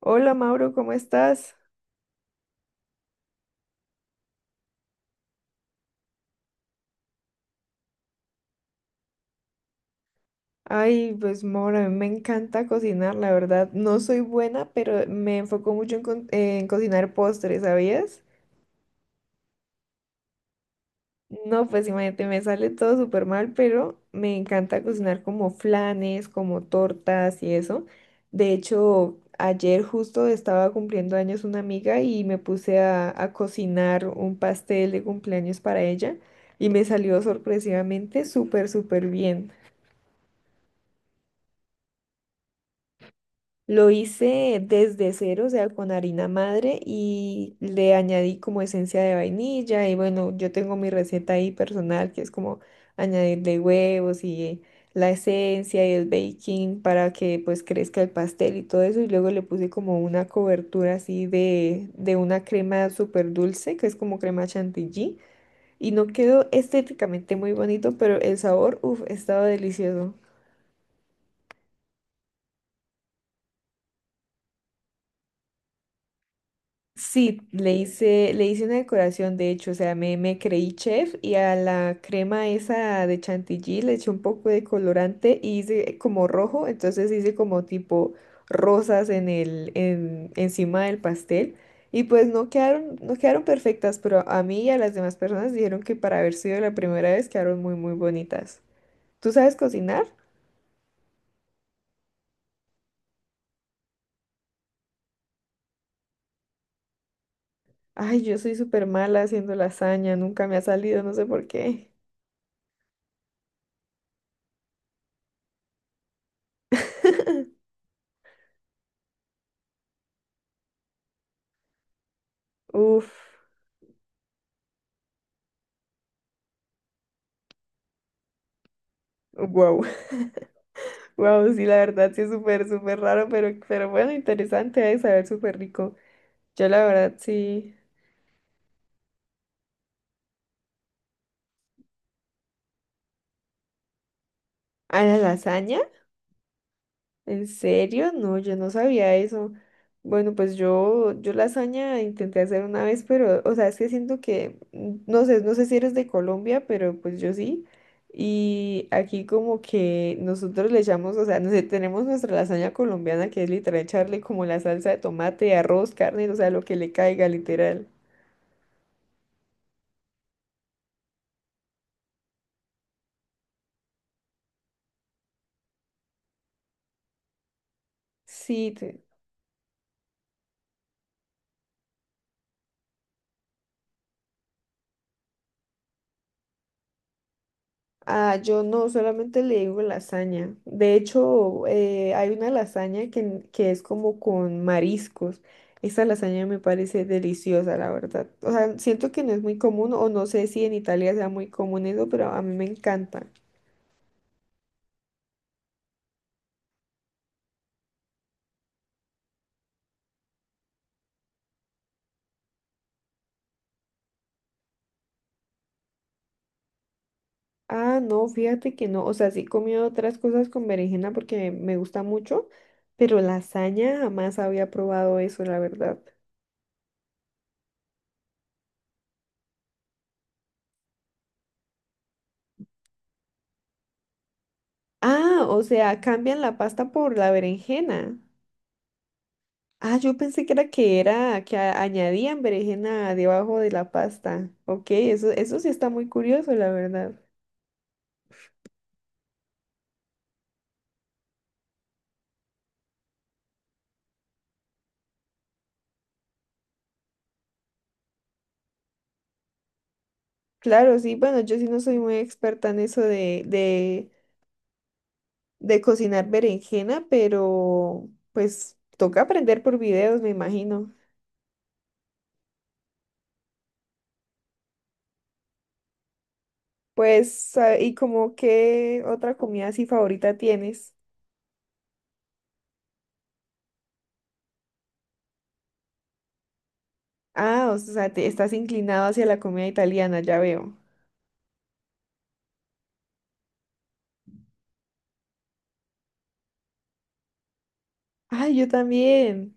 Hola Mauro, ¿cómo estás? Ay, pues Mauro, a mí me encanta cocinar, la verdad. No soy buena, pero me enfoco mucho en cocinar postres, ¿sabías? No, pues imagínate, me sale todo súper mal, pero me encanta cocinar como flanes, como tortas y eso. De hecho, ayer justo estaba cumpliendo años una amiga y me puse a cocinar un pastel de cumpleaños para ella y me salió sorpresivamente súper, súper bien. Lo hice desde cero, o sea, con harina madre y le añadí como esencia de vainilla y bueno, yo tengo mi receta ahí personal que es como añadirle huevos y la esencia y el baking para que pues crezca el pastel y todo eso y luego le puse como una cobertura así de una crema súper dulce que es como crema chantilly y no quedó estéticamente muy bonito, pero el sabor, uff, estaba delicioso. Sí, le hice una decoración, de hecho, o sea, me creí chef y a la crema esa de chantilly le eché un poco de colorante y hice como rojo, entonces hice como tipo rosas encima del pastel y pues no quedaron, no quedaron perfectas, pero a mí y a las demás personas dijeron que para haber sido la primera vez quedaron muy, muy bonitas. ¿Tú sabes cocinar? Ay, yo soy súper mala haciendo lasaña, nunca me ha salido, no sé por qué. Uf, wow. Wow, sí, la verdad sí es súper, súper raro, pero bueno, interesante de saber, súper rico. Yo la verdad sí. ¿A la lasaña? ¿En serio? No, yo no sabía eso. Bueno, pues yo lasaña intenté hacer una vez, pero, o sea, es que siento que, no sé, no sé si eres de Colombia, pero pues yo sí. Y aquí como que nosotros le echamos, o sea, no sé, tenemos nuestra lasaña colombiana que es literal echarle como la salsa de tomate, arroz, carne, o sea, lo que le caiga, literal. Sí, te- Ah, yo no, solamente le digo lasaña. De hecho, hay una lasaña que es como con mariscos. Esa lasaña me parece deliciosa, la verdad. O sea, siento que no es muy común, o no sé si en Italia sea muy común eso, pero a mí me encanta. Ah, no, fíjate que no. O sea, sí he comido otras cosas con berenjena porque me gusta mucho, pero lasaña jamás había probado eso, la verdad. Ah, o sea, cambian la pasta por la berenjena. Ah, yo pensé que era que añadían berenjena debajo de la pasta. Ok, eso sí está muy curioso, la verdad. Claro, sí, bueno, yo sí no soy muy experta en eso de cocinar berenjena, pero pues toca aprender por videos, me imagino. Pues, ah, ¿y como qué otra comida así favorita tienes? Ah, o sea, te estás inclinado hacia la comida italiana, ya veo. Ay, yo también.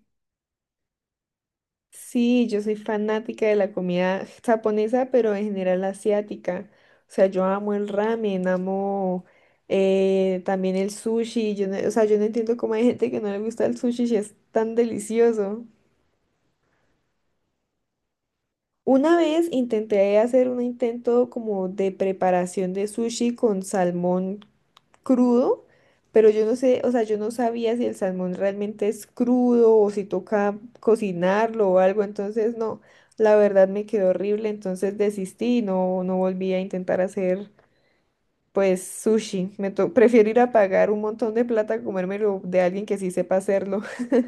Sí, yo soy fanática de la comida japonesa, pero en general asiática. O sea, yo amo el ramen, amo también el sushi. Yo no- o sea, yo no entiendo cómo hay gente que no le gusta el sushi si es tan delicioso. Una vez intenté hacer un intento como de preparación de sushi con salmón crudo, pero yo no sé, o sea, yo no sabía si el salmón realmente es crudo o si toca cocinarlo o algo, entonces no, la verdad me quedó horrible, entonces desistí y no, no volví a intentar hacer pues sushi. Me to- prefiero ir a pagar un montón de plata a comérmelo de alguien que sí sepa hacerlo.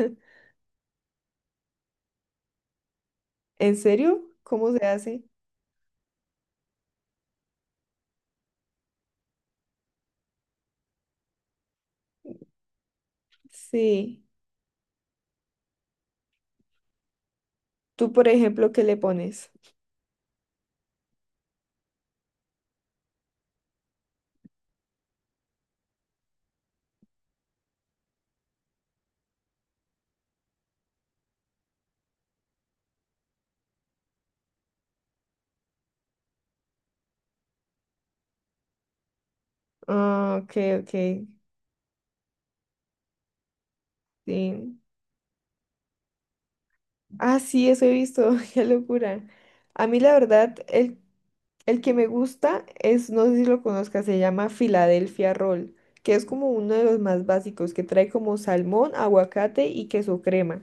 ¿En serio? ¿Cómo se hace? Sí. Tú, por ejemplo, ¿qué le pones? Ah, ok, ok. Sí. Ah, sí, eso he visto, qué locura. A mí la verdad, el que me gusta es, no sé si lo conozcas, se llama Philadelphia Roll, que es como uno de los más básicos, que trae como salmón, aguacate y queso crema.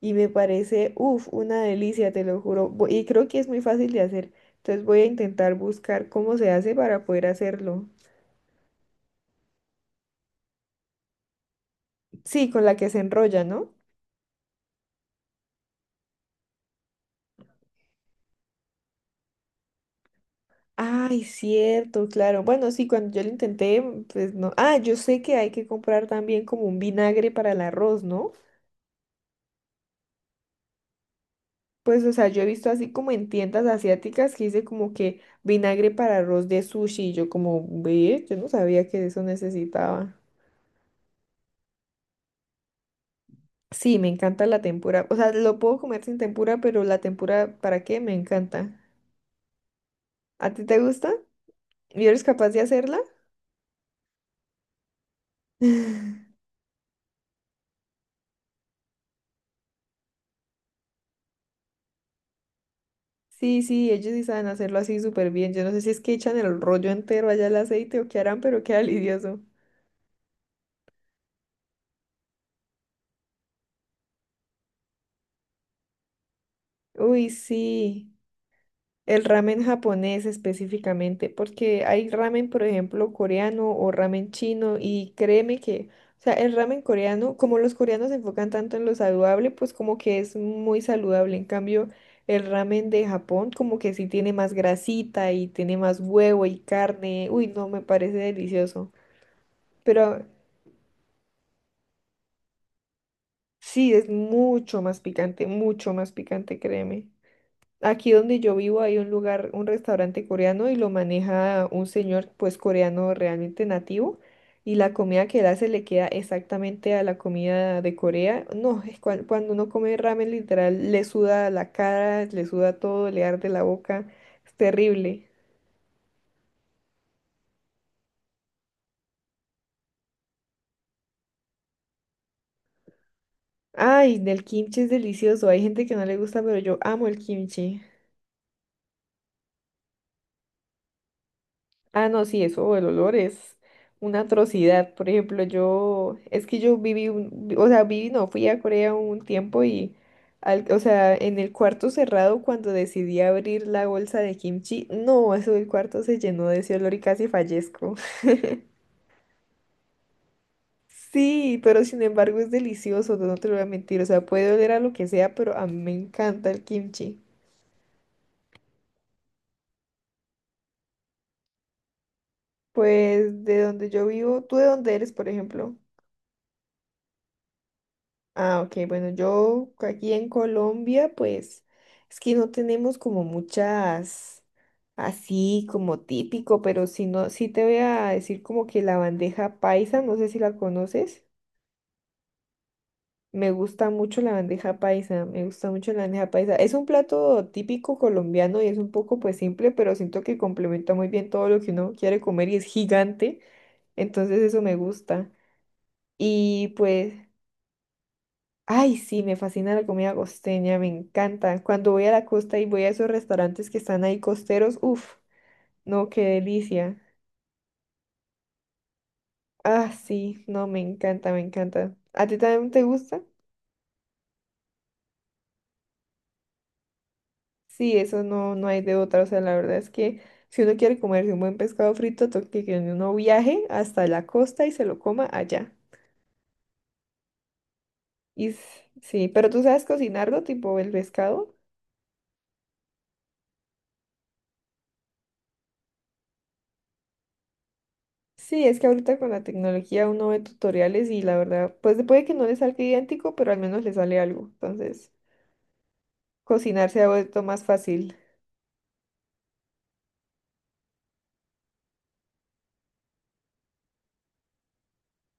Y me parece, uff, una delicia, te lo juro. Vo- Y creo que es muy fácil de hacer. Entonces voy a intentar buscar cómo se hace para poder hacerlo. Sí, con la que se enrolla, ¿no? Ay, cierto, claro. Bueno, sí, cuando yo lo intenté, pues no. Ah, yo sé que hay que comprar también como un vinagre para el arroz, ¿no? Pues, o sea, yo he visto así como en tiendas asiáticas que dice como que vinagre para arroz de sushi. Y yo como, ve, yo no sabía que eso necesitaba. Sí, me encanta la tempura. O sea, lo puedo comer sin tempura, pero la tempura, ¿para qué? Me encanta. ¿A ti te gusta? ¿Y eres capaz de hacerla? Sí, sí, ellos sí saben hacerlo así súper bien. Yo no sé si es que echan el rollo entero allá al aceite o qué harán, pero queda lidioso. Uy, sí, el ramen japonés específicamente, porque hay ramen, por ejemplo, coreano o ramen chino y créeme que, o sea, el ramen coreano, como los coreanos se enfocan tanto en lo saludable, pues como que es muy saludable. En cambio, el ramen de Japón como que sí tiene más grasita y tiene más huevo y carne. Uy, no, me parece delicioso. Pero Sí, es mucho más picante, créeme. Aquí donde yo vivo hay un lugar, un restaurante coreano y lo maneja un señor pues coreano realmente nativo y la comida que él hace le queda exactamente a la comida de Corea. No, es cuan- cuando uno come ramen literal le suda la cara, le suda todo, le arde la boca, es terrible. Ay, del kimchi es delicioso, hay gente que no le gusta, pero yo amo el kimchi. Ah, no, sí, eso, el olor es una atrocidad. Por ejemplo, yo, es que yo viví, un- o sea, viví, no, fui a Corea un tiempo y, al- o sea, en el cuarto cerrado cuando decidí abrir la bolsa de kimchi, no, eso del cuarto se llenó de ese olor y casi fallezco. Sí, pero sin embargo es delicioso, no te lo voy a mentir, o sea, puede oler a lo que sea, pero a mí me encanta el kimchi. Pues de donde yo vivo, ¿tú de dónde eres, por ejemplo? Ah, ok, bueno, yo aquí en Colombia, pues es que no tenemos como muchas así como típico, pero si no, sí te voy a decir como que la bandeja paisa, no sé si la conoces. Me gusta mucho la bandeja paisa, me gusta mucho la bandeja paisa. Es un plato típico colombiano y es un poco pues simple, pero siento que complementa muy bien todo lo que uno quiere comer y es gigante, entonces eso me gusta. Y pues Ay, sí, me fascina la comida costeña, me encanta. Cuando voy a la costa y voy a esos restaurantes que están ahí costeros, uff, no, qué delicia. Ah, sí, no, me encanta, me encanta. ¿A ti también te gusta? Sí, eso no, no hay de otra. O sea, la verdad es que si uno quiere comerse un buen pescado frito, toca que uno viaje hasta la costa y se lo coma allá. Y s- sí, pero tú sabes cocinarlo, tipo el pescado. Sí, es que ahorita con la tecnología uno ve tutoriales y la verdad, pues puede que no le salga idéntico, pero al menos le sale algo. Entonces, cocinar se ha vuelto más fácil.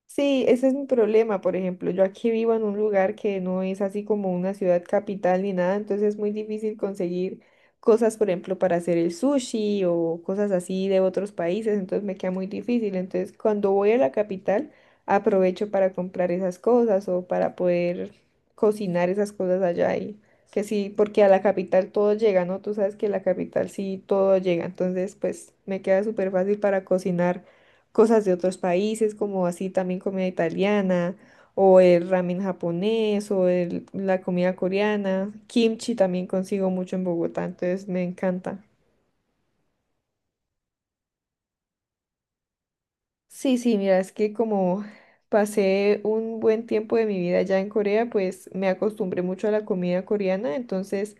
Sí, ese es mi problema, por ejemplo. Yo aquí vivo en un lugar que no es así como una ciudad capital ni nada, entonces es muy difícil conseguir cosas, por ejemplo, para hacer el sushi o cosas así de otros países, entonces me queda muy difícil. Entonces, cuando voy a la capital, aprovecho para comprar esas cosas o para poder cocinar esas cosas allá y que sí, porque a la capital todo llega, ¿no? Tú sabes que a la capital sí todo llega, entonces pues me queda súper fácil para cocinar cosas de otros países, como así también comida italiana, o el ramen japonés, o el- la comida coreana. Kimchi también consigo mucho en Bogotá, entonces me encanta. Sí, sí, mira, es que como pasé un buen tiempo de mi vida allá en Corea, pues me acostumbré mucho a la comida coreana, entonces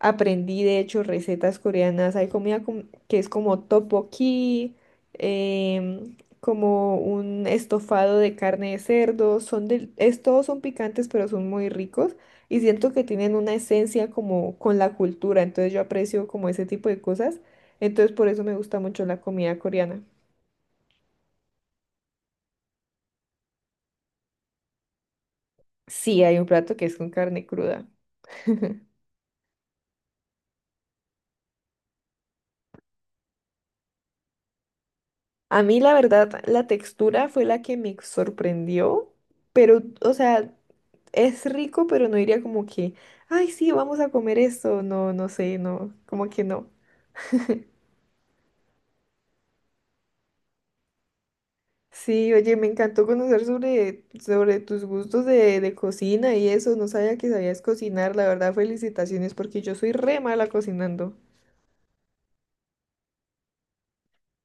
aprendí de hecho recetas coreanas. Hay comida com- que es como tteokbokki, como un estofado de carne de cerdo, son del, es, todos son picantes, pero son muy ricos y siento que tienen una esencia como con la cultura, entonces yo aprecio como ese tipo de cosas, entonces por eso me gusta mucho la comida coreana. Sí, hay un plato que es con carne cruda. A mí, la verdad, la textura fue la que me sorprendió, pero, o sea, es rico, pero no diría como que, ay, sí, vamos a comer esto. No, no sé, no, como que no. Sí, oye, me encantó conocer sobre, sobre tus gustos de cocina y eso. No sabía que sabías cocinar, la verdad, felicitaciones, porque yo soy re mala cocinando.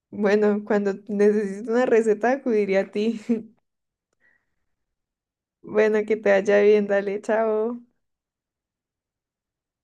Bueno, cuando necesito una receta, acudiría a ti. Bueno, que te vaya bien, dale, chao.